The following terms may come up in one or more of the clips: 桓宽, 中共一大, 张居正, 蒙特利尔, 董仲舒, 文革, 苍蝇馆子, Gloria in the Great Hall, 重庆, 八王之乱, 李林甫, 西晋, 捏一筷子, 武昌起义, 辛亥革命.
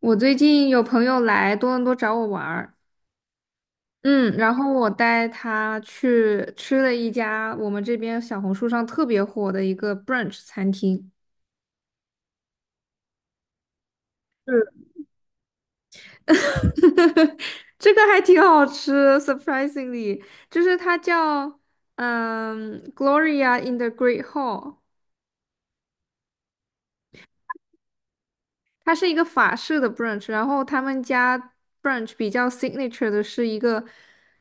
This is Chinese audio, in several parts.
我最近有朋友来多伦多找我玩儿，嗯，然后我带他去吃了一家我们这边小红书上特别火的一个 brunch 餐厅。嗯，这个还挺好吃，surprisingly。就是它叫Gloria in the Great Hall。它是一个法式的 brunch，然后他们家 brunch 比较 signature 的是一个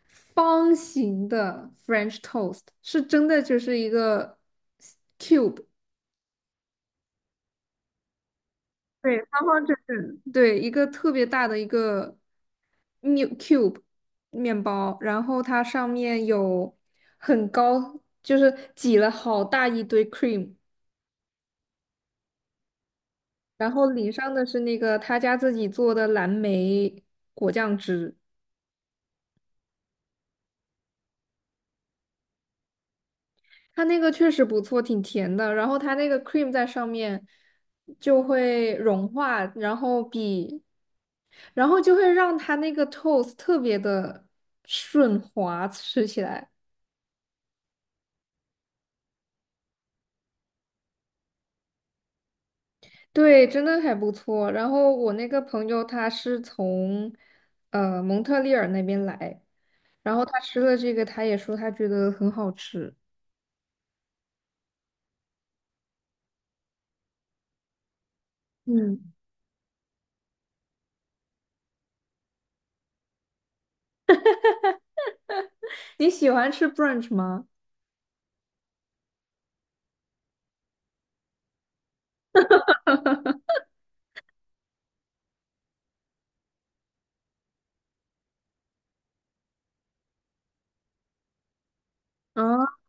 方形的 French toast，是真的就是一个。对，方方正正，对，一个特别大的一个 m i 面 cube 面包，然后它上面有很高，就是挤了好大一堆 cream，然后淋上的是那个他家自己做的蓝莓果酱汁。它那个确实不错，挺甜的，然后它那个 cream 在上面就会融化，然后比，然后就会让它那个 toast 特别的顺滑，吃起来。对，真的还不错。然后我那个朋友他是从蒙特利尔那边来，然后他吃了这个，他也说他觉得很好吃。嗯，你喜欢吃 brunch 吗？啊，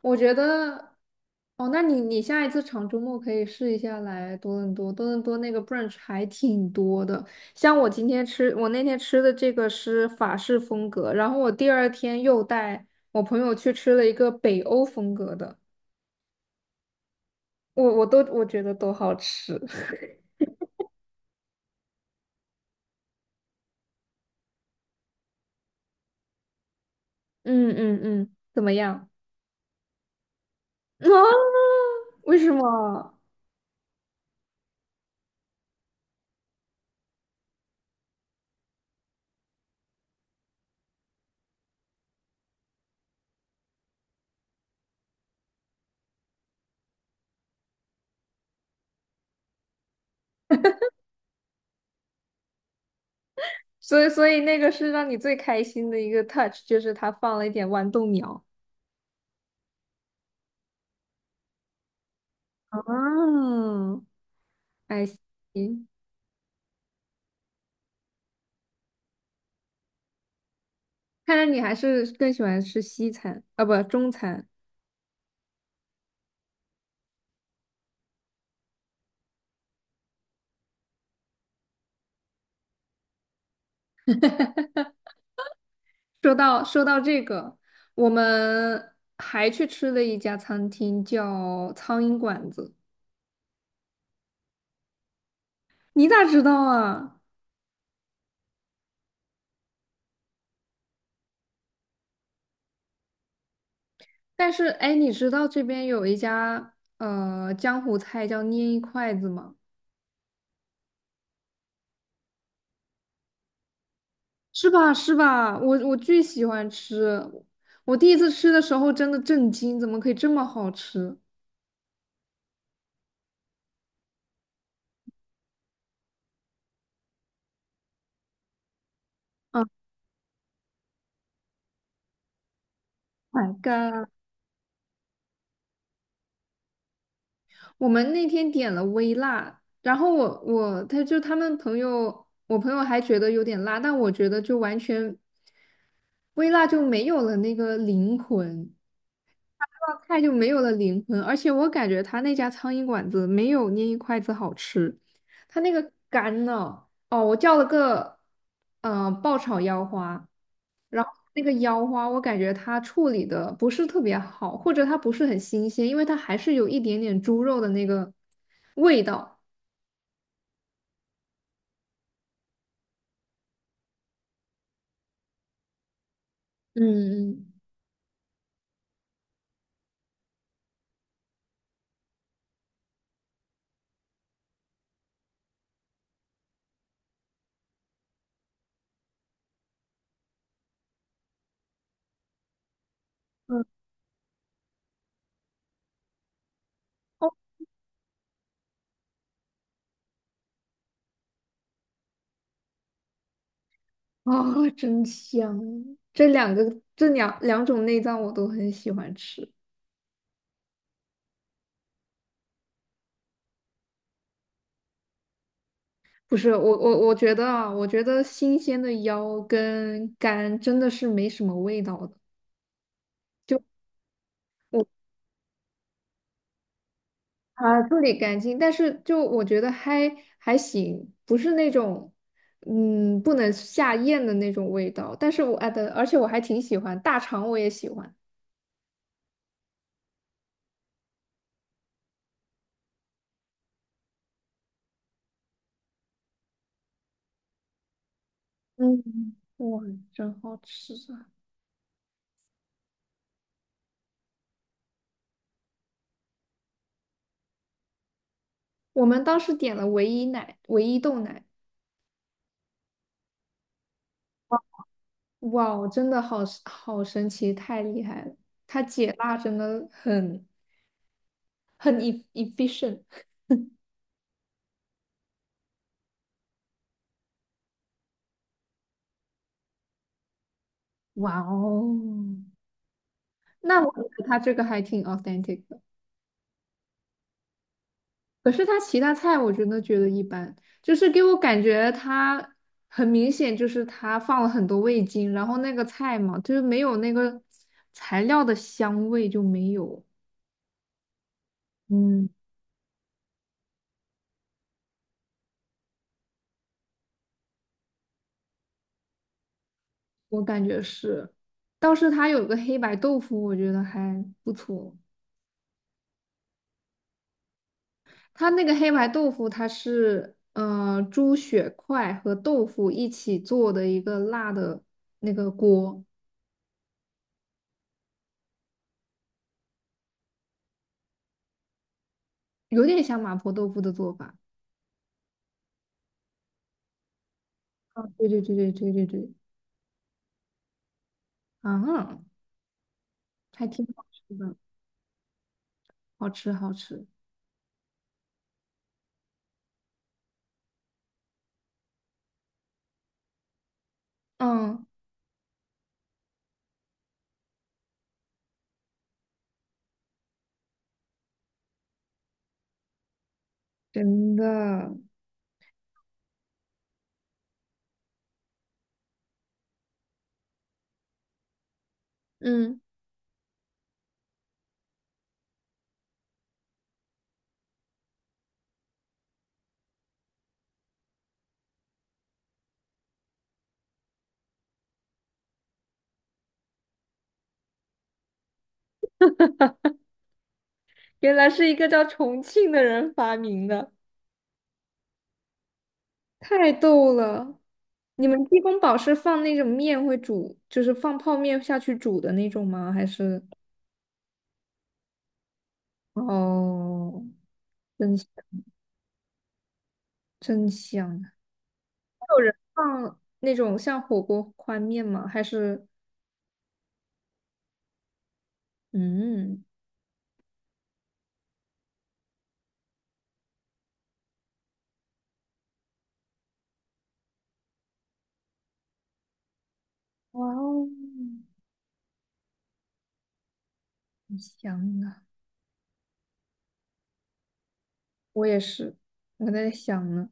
我觉得，哦，那你下一次长周末可以试一下来多伦多。多伦多那个 brunch 还挺多的。像我今天吃，我那天吃的这个是法式风格，然后我第二天又带我朋友去吃了一个北欧风格的。我觉得都好吃。嗯嗯嗯，怎么样？啊，为什么？所以那个是让你最开心的一个 touch，就是它放了一点豌豆苗。哦，I see。看来你还是更喜欢吃西餐啊，不，中餐。说到这个，我们还去吃了一家餐厅，叫苍蝇馆子。你咋知道啊？但是，哎，你知道这边有一家江湖菜叫捏一筷子吗？是吧？是吧？我巨喜欢吃。我第一次吃的时候真的震惊，怎么可以这么好吃啊！My God！我们那天点了微辣，然后我我他就他们朋友，我朋友还觉得有点辣，但我觉得就完全微辣就没有了那个灵魂。菜就没有了灵魂，而且我感觉他那家苍蝇馆子没有捏一筷子好吃。他那个干呢，哦，我叫了个爆炒腰花。那个腰花我感觉它处理的不是特别好，或者它不是很新鲜，因为它还是有一点点猪肉的那个味道。嗯嗯。嗯，哦，啊，真香！这两种内脏我都很喜欢吃。不是，我觉得啊，我觉得新鲜的腰跟肝真的是没什么味道的。我处理干净，但是就我觉得还行，不是那种不能下咽的那种味道。但是我啊的，而且我还挺喜欢大肠，我也喜欢。嗯，哇，真好吃啊！我们当时点了唯一豆奶。哇，真的好神奇，太厉害了！它解辣真的很 efficient。哇哦，那我觉得他这个还挺 authentic 的。可是他其他菜我真的觉得一般，就是给我感觉他很明显就是他放了很多味精，然后那个菜嘛，就是没有那个材料的香味就没有。嗯，我感觉是。倒是它有个黑白豆腐，我觉得还不错。它那个黑白豆腐，它是猪血块和豆腐一起做的一个辣的那个锅。有点像麻婆豆腐的做法。啊，对对对对对对对，啊，还挺好吃的，好吃好吃。嗯，真的。嗯，原来是一个叫重庆的人发明的。太逗了！你们鸡公煲是放那种面会煮，就是放泡面下去煮的那种吗？哦，真香。真香啊！放那种像火锅宽面吗？还是嗯，哇哦，很香啊。我也是，我在想呢。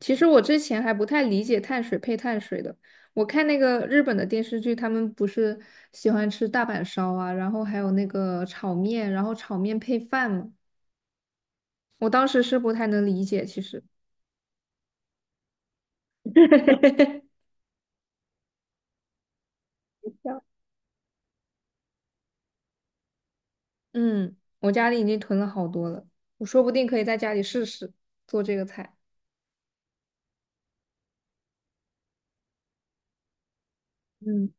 其实我之前还不太理解碳水配碳水的。我看那个日本的电视剧，他们不是喜欢吃大阪烧啊，然后还有那个炒面，然后炒面配饭嘛。我当时是不太能理解，其实。嗯，我家里已经囤了好多了，我说不定可以在家里试试做这个菜。嗯，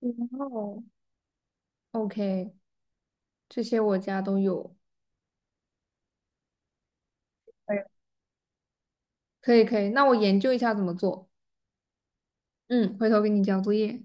然后 OK，这些我家都有。哎，可以可以，那我研究一下怎么做。嗯，回头给你交作业。